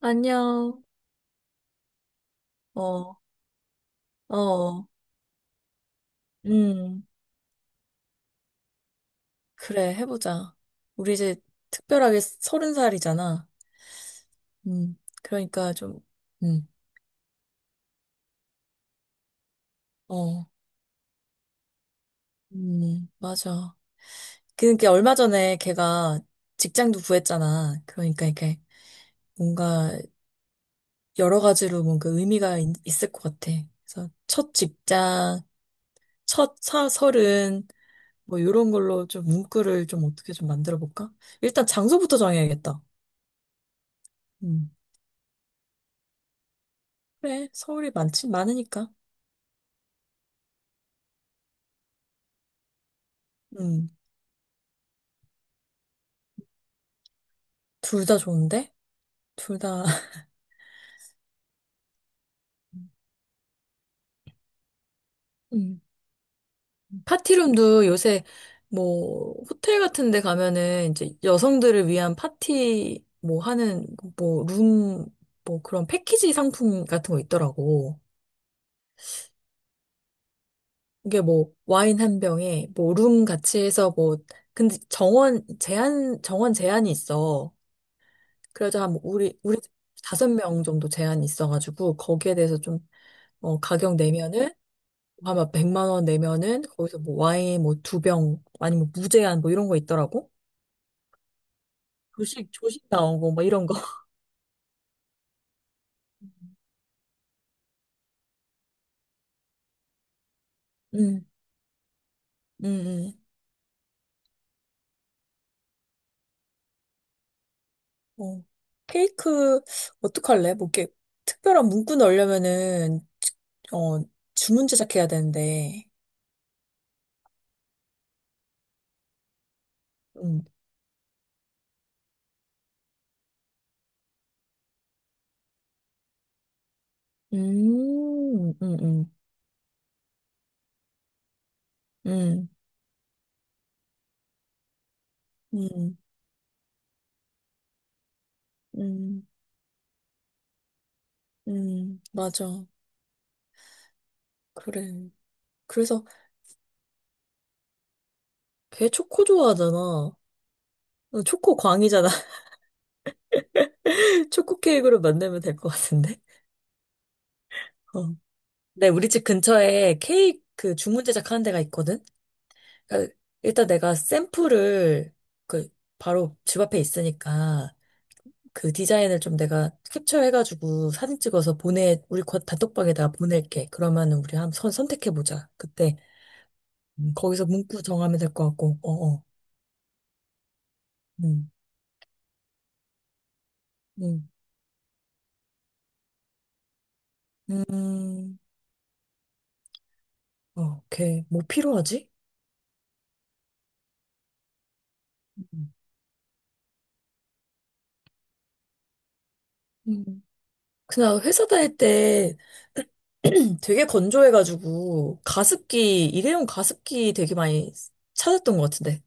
안녕. 어, 어, 어. 음, 그래, 해보자. 우리 이제 특별하게 서른 살이잖아. 그러니까 좀, 음, 어, 맞아. 그러니까 얼마 전에 걔가 직장도 구했잖아. 그러니까 이게 뭔가 여러 가지로 뭔가 의미가 을것 같아. 그래서 첫 직장, 서른, 뭐, 이런 걸로 좀 문구를 좀 어떻게 좀 만들어 볼까? 일단 장소부터 정해야겠다. 음. 그래, 서울이 많지, 많으니까. 음, 둘 다 좋은데? 둘 다, 음. 파티룸도 요새, 뭐, 호텔 같은 데 가면은 이제 여성들을 위한 파티, 뭐 하는, 뭐, 룸, 뭐 그런 패키지 상품 같은 거 있더라고. 이게 뭐, 와인 한 병에, 뭐, 룸 같이 해서 뭐, 근데 정원, 제한, 정원 제한이 있어. 그래서 한뭐 우리 5명 정도 제한이 있어가지고, 거기에 대해서 좀, 가격 내면은, 아마 100만 원 내면은 거기서 뭐 와인 뭐 2병 아니면 뭐 무제한 뭐 이런 거 있더라고. 조식 나오고 뭐 이런 거. 음. 음. 음. 어. 케이크 어떡할래? 뭐 이렇게 특별한 문구 넣으려면은 어 주문 제작해야 되는데. 음. 음. 음. 음. 음. 음. 음. 음. 맞아. 그래. 그래서 걔 초코 좋아하잖아. 초코 광이잖아. 초코 케이크로 만들면 될 것 같은데. 어. 네, 우리 집 근처에 케이크 그 주문 제작하는 데가 있거든? 그러니까 일단 내가 샘플을 그 바로 집 앞에 있으니까 그 디자인을 좀 내가 캡처해가지고 사진 찍어서 보내, 우리 곧 단톡방에다가 보낼게. 그러면은 우리 한번 선택해보자. 그때 거기서 문구 정하면 될 것 같고, 어, 어. 음, 음, 음, 어, 오케이. 뭐 필요하지? 음. 음. 그냥 회사 다닐 때 되게 건조해가지고 가습기, 일회용 가습기 되게 많이 찾았던 것 같은데.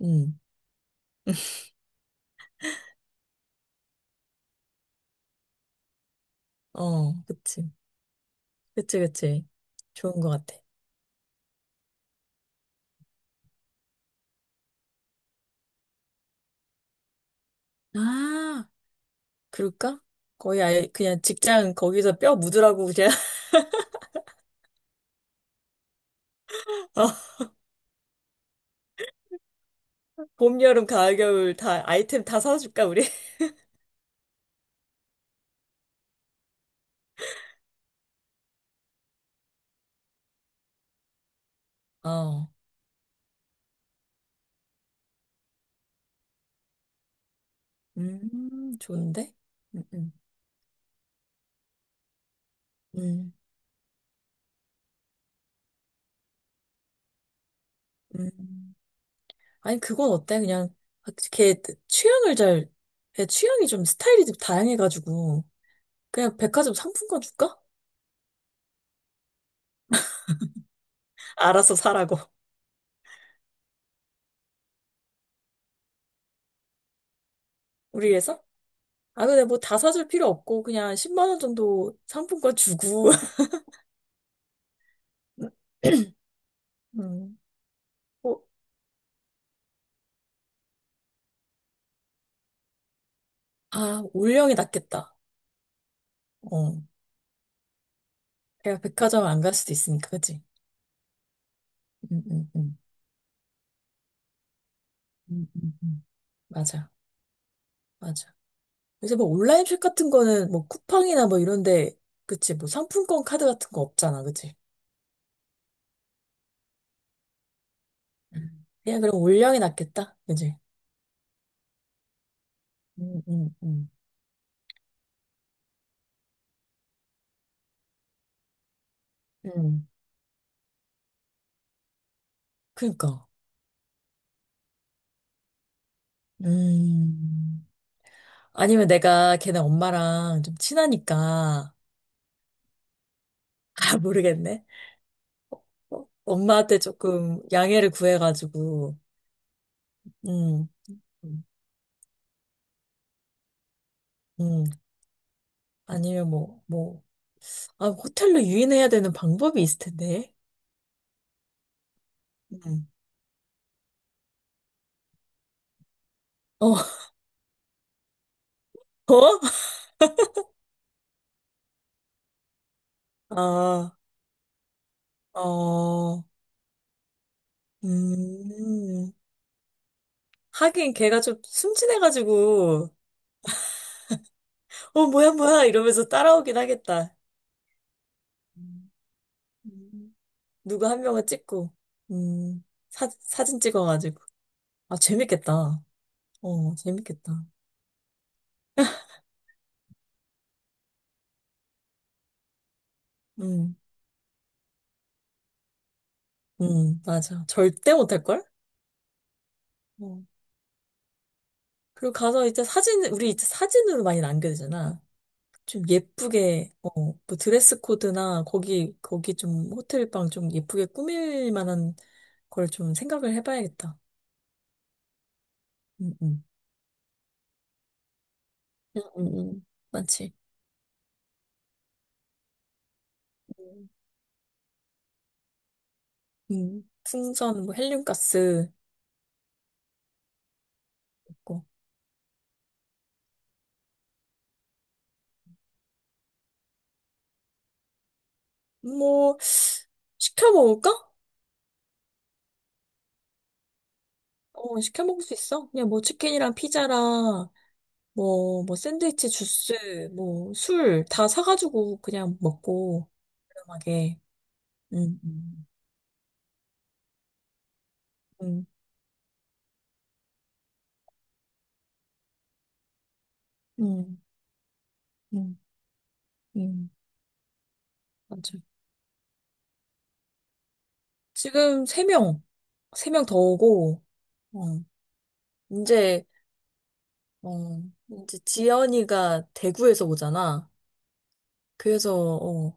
음. 어, 그치. 그치, 그치. 좋은 것 같아. 아, 그럴까? 거의 아예 그냥 직장 거기서 뼈 묻으라고 그냥 어, 봄, 여름, 가을, 겨울 다 아이템 다 사줄까 우리? 어, 좋은데? 음, 음, 음. 음. 아니 그건 어때? 그냥 걔 취향을 잘, 걔 취향이 좀 스타일이 좀 다양해가지고 그냥 백화점 상품권 줄까? 알아서 사라고. 우리 회사? 아, 근데 뭐 다 사줄 필요 없고, 그냥 10만 원 정도 상품권 주고. 음, 어, 아, 올영이 낫겠다. 어. 내가 백화점 안 갈 수도 있으니까, 그치? 음, 음, 음. 음, 음, 음. 맞아, 맞아. 요새 뭐 온라인 숍 같은 거는 뭐 쿠팡이나 뭐 이런데, 그치? 뭐 상품권 카드 같은 거 없잖아, 그치? 음. 그냥 그럼 올영이 낫겠다, 그치? 음, 음, 음. 음, 그니까. 음. 아니면 내가 걔네 엄마랑 좀 친하니까, 아, 모르겠네. 어, 엄마한테 조금 양해를 구해가지고, 음, 음, 음. 아니면 뭐, 뭐, 아, 호텔로 유인해야 되는 방법이 있을 텐데. 음. 어, 어? 아, 어, 음. 하긴 걔가 좀 순진해가지고, 어, 뭐야, 뭐야, 이러면서 따라오긴 하겠다. 음. 음. 누구 한 명을 찍고, 음, 사진 찍어가지고. 아, 재밌겠다. 어, 재밌겠다. 음, 맞아. 절대 못할걸? 어. 그리고 가서 이제 사진, 우리 이제 사진으로 많이 남겨야 되잖아. 좀 예쁘게, 어, 뭐 드레스 코드나 거기, 거기 좀 호텔 방 좀 예쁘게 꾸밀 만한 걸 좀 생각을 해봐야겠다. 음, 음. 많지. 음, 풍선, 뭐 헬륨가스, 있고. 뭐, 시켜 먹을까? 어, 시켜 먹을 수 있어. 그냥 뭐 치킨이랑 피자랑 뭐, 뭐, 샌드위치, 주스, 뭐, 술 다 사가지고 그냥 먹고, 저렴하게. 음, 음, 음, 음, 음, 음, 맞아. 지금 세명세 명세 명 더 오고, 어, 이제, 어, 이제 지연이가 대구에서 오잖아. 그래서, 어,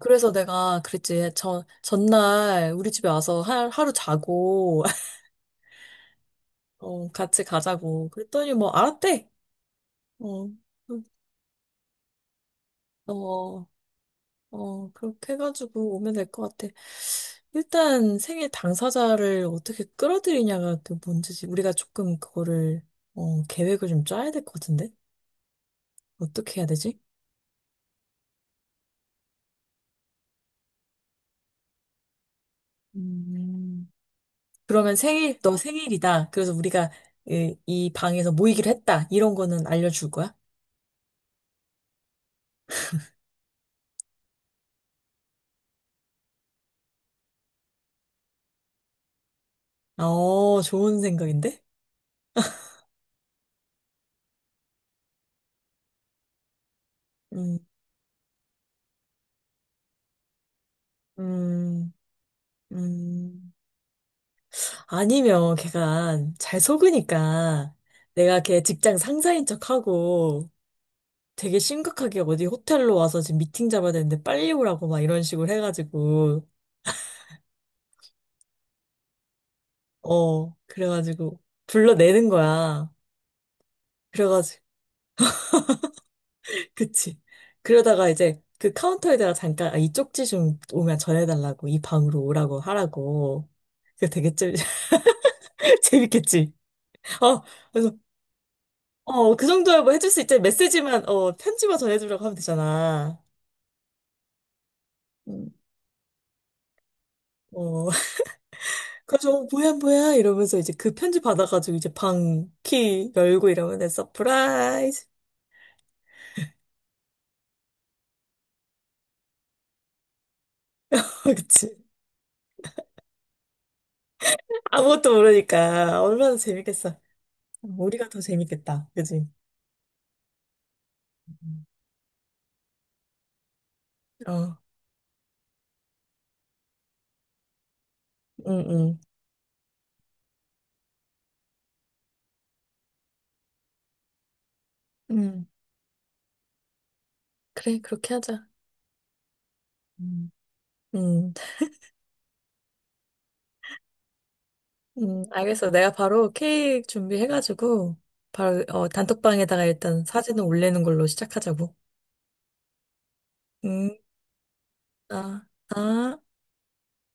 그래서 내가 그랬지. 전날 우리 집에 와서 하루 자고, 어, 같이 가자고. 그랬더니 뭐, 알았대. 어, 어, 어, 그렇게 해가지고 오면 될 것 같아. 일단 생일 당사자를 어떻게 끌어들이냐가 그 문제지. 우리가 조금 그거를, 어, 계획을 좀 짜야 될 것 같은데? 어떻게 해야 되지? 음, 그러면 생일, 너 생일이다. 그래서 우리가 이 방에서 모이기로 했다. 이런 거는 알려줄 거야? 어, 좋은 생각인데? 음, 음, 음. 아니면 걔가 잘 속으니까 내가 걔 직장 상사인 척하고 되게 심각하게 어디 호텔로 와서 지금 미팅 잡아야 되는데 빨리 오라고 막 이런 식으로 해가지고, 어, 그래가지고 불러내는 거야. 그래가지고, 그치. 그러다가 이제 그 카운터에다가 잠깐, 아, 이 쪽지 좀 오면 전해달라고, 이 방으로 오라고 하라고. 그 되게 좀 재밌겠지. 어, 그래서, 어, 그 정도야 뭐 해줄 수 있지. 메시지만, 어, 편지만 전해주라고 하면 되잖아. 음. 어. 그래서 어, 뭐야 뭐야 이러면서 이제 그 편지 받아가지고 이제 방 키 열고 이러면 서프라이즈. 그치. 아무것도 모르니까 얼마나 재밌겠어. 우리가 더 재밌겠다, 그치? 어, 응응, 응. 응, 그래, 그렇게 하자. 음. 음, 알겠어. 내가 바로 케이크 준비해가지고, 바로, 어, 단톡방에다가 일단 사진을 올리는 걸로 시작하자고. 음, 아, 아.